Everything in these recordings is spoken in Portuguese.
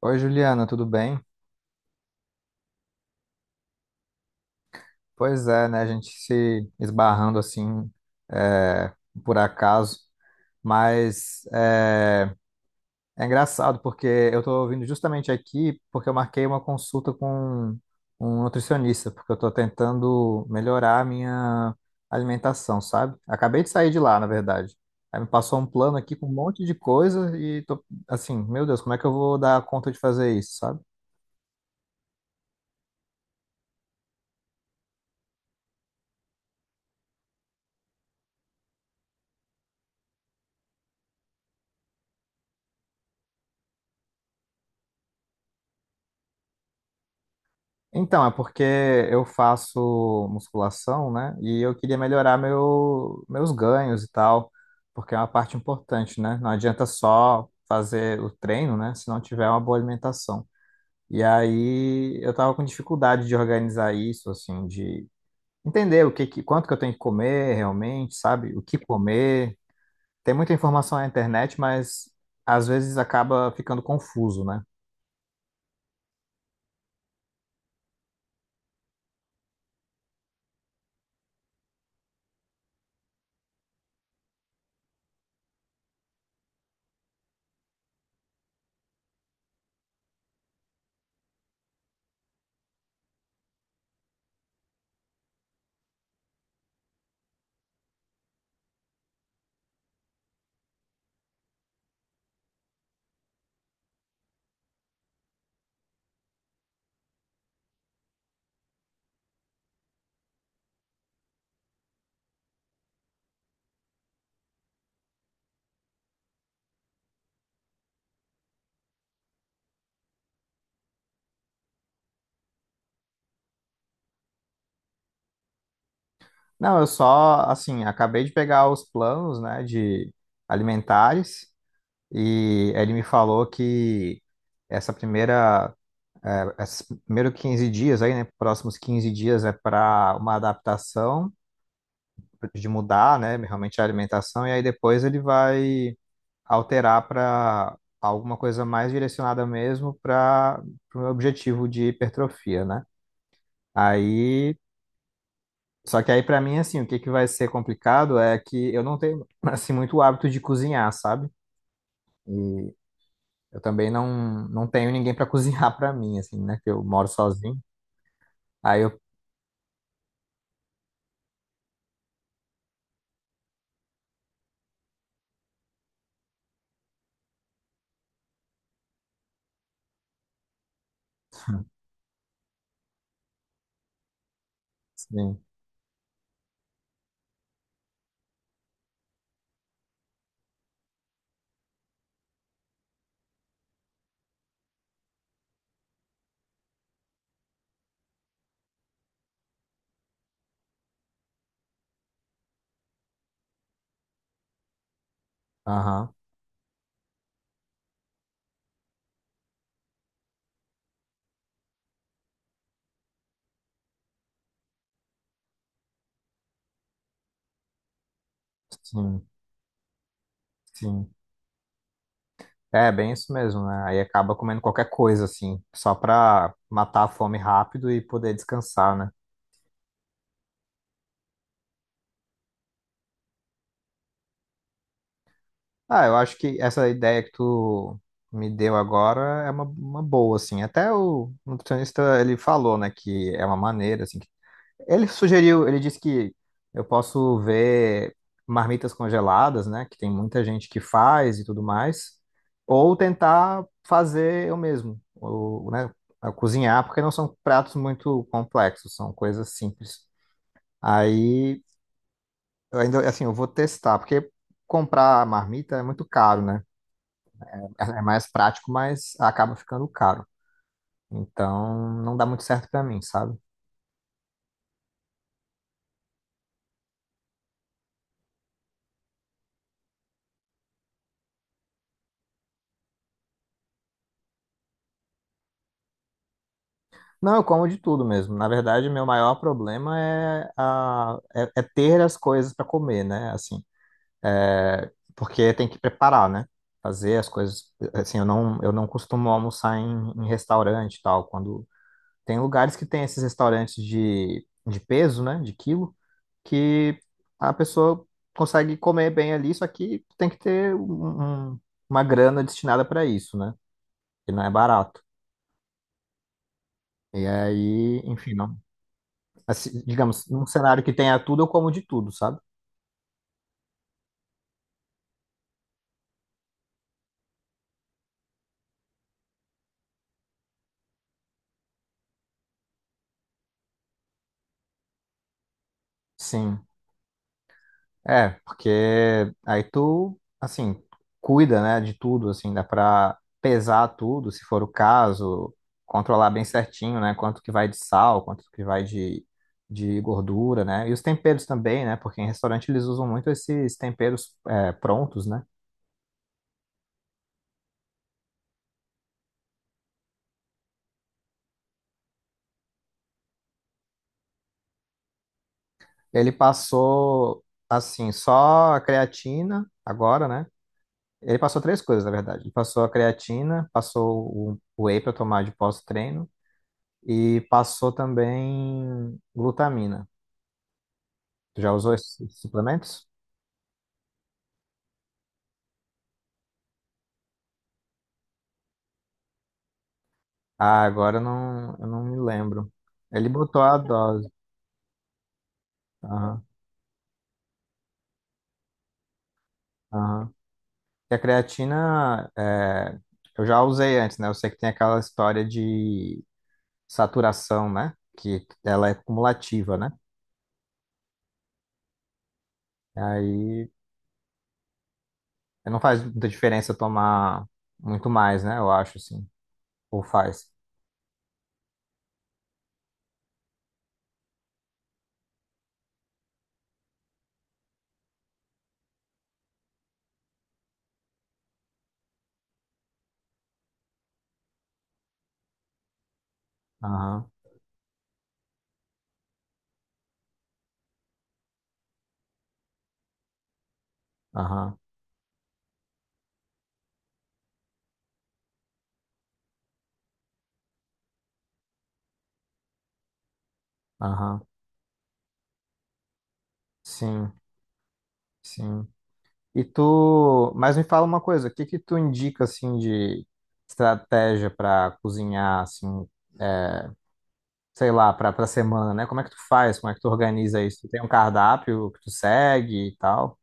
Oi, Juliana, tudo bem? Pois é, né? A gente se esbarrando assim, é, por acaso, mas é engraçado porque eu tô vindo justamente aqui porque eu marquei uma consulta com um nutricionista, porque eu tô tentando melhorar a minha alimentação, sabe? Acabei de sair de lá, na verdade. Aí me passou um plano aqui com um monte de coisa e tô assim, meu Deus, como é que eu vou dar conta de fazer isso, sabe? Então, é porque eu faço musculação, né? E eu queria melhorar meus ganhos e tal, porque é uma parte importante, né? Não adianta só fazer o treino, né? Se não tiver uma boa alimentação. E aí eu tava com dificuldade de organizar isso, assim, de entender o quanto que eu tenho que comer realmente, sabe? O que comer. Tem muita informação na internet, mas às vezes acaba ficando confuso, né? Não, eu só, assim, acabei de pegar os planos, né, de alimentares e ele me falou que essa primeira, esses primeiros 15 dias aí, né, próximos 15 dias é para uma adaptação, de mudar, né, realmente a alimentação e aí depois ele vai alterar para alguma coisa mais direcionada mesmo para o meu objetivo de hipertrofia, né? Aí Só que aí pra mim assim, o que que vai ser complicado é que eu não tenho assim muito hábito de cozinhar, sabe? E eu também não tenho ninguém pra cozinhar pra mim assim, né, que eu moro sozinho. Aí eu Sim, aham. Sim, sim. É bem isso mesmo, né? Aí acaba comendo qualquer coisa assim, só pra matar a fome rápido e poder descansar, né? Ah, eu acho que essa ideia que tu me deu agora é uma boa, assim. Até o nutricionista, ele falou, né, que é uma maneira, assim, que ele sugeriu, ele disse que eu posso ver marmitas congeladas, né? Que tem muita gente que faz e tudo mais. Ou tentar fazer eu mesmo, ou, né? a Cozinhar, porque não são pratos muito complexos, são coisas simples. Aí, eu ainda, assim, eu vou testar, porque comprar a marmita é muito caro, né? É mais prático, mas acaba ficando caro. Então, não dá muito certo para mim, sabe? Não, eu como de tudo mesmo. Na verdade, meu maior problema é ter as coisas para comer, né? Assim, é, porque tem que preparar, né? Fazer as coisas. Assim, eu não costumo almoçar em restaurante e tal. Quando tem lugares que tem esses restaurantes de peso, né? De quilo, que a pessoa consegue comer bem ali, só que tem que ter uma grana destinada para isso, né? Que não é barato. E aí, enfim, não. Assim, digamos, num cenário que tenha tudo, eu como de tudo, sabe? Sim. É, porque aí tu, assim, cuida, né, de tudo, assim, dá pra pesar tudo, se for o caso, controlar bem certinho, né, quanto que vai de sal, quanto que vai de gordura, né, e os temperos também, né, porque em restaurante eles usam muito esses temperos prontos, né. Ele passou, assim, só a creatina agora, né. Ele passou três coisas, na verdade. Ele passou a creatina, passou o whey para tomar de pós-treino e passou também glutamina. Tu já usou esses suplementos? Ah, agora eu não me lembro. Ele botou a dose. Aham, aham. E a creatina, é, eu já usei antes, né? Eu sei que tem aquela história de saturação, né? Que ela é cumulativa, né? Aí não faz muita diferença tomar muito mais, né? Eu acho, assim. Ou faz. Aham, aham, aham. Sim, sim. E tu, mas me fala uma coisa, o que que tu indica assim de estratégia para cozinhar assim, é, sei lá, para semana, né? Como é que tu faz? Como é que tu organiza isso? Tu tem um cardápio que tu segue e tal?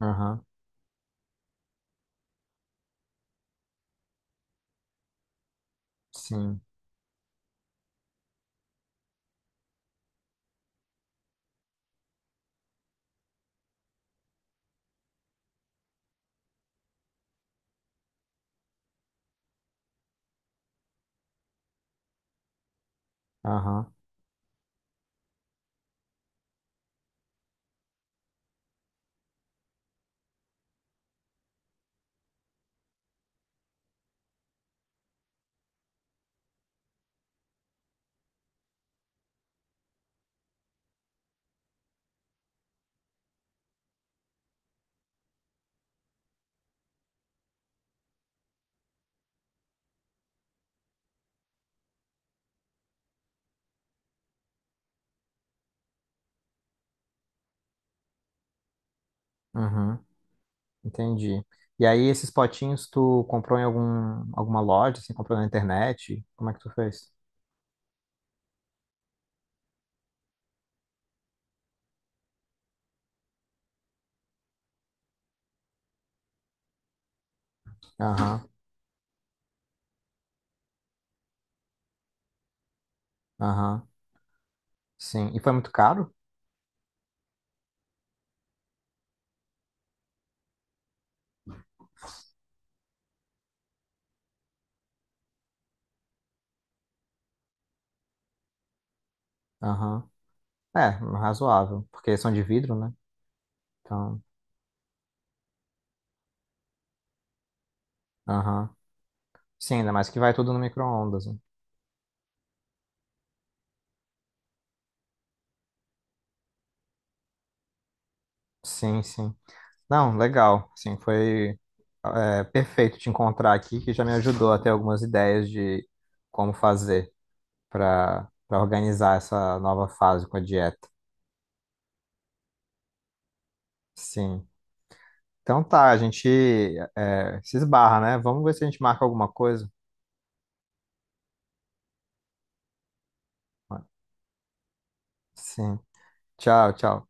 Aham, sim. Aham, uhum. Entendi. E aí, esses potinhos tu comprou em alguma loja, assim, comprou na internet? Como é que tu fez? Aham, aham, sim. E foi muito caro? Aham. É, razoável, porque são de vidro, né? Então, aham. Sim, ainda mais que vai tudo no micro-ondas, né? Sim, sim. Não, legal. Sim, foi perfeito te encontrar aqui, que já me ajudou a ter algumas ideias de como fazer para organizar essa nova fase com a dieta. Sim. Então tá, a gente se esbarra, né? Vamos ver se a gente marca alguma coisa. Sim. Tchau, tchau.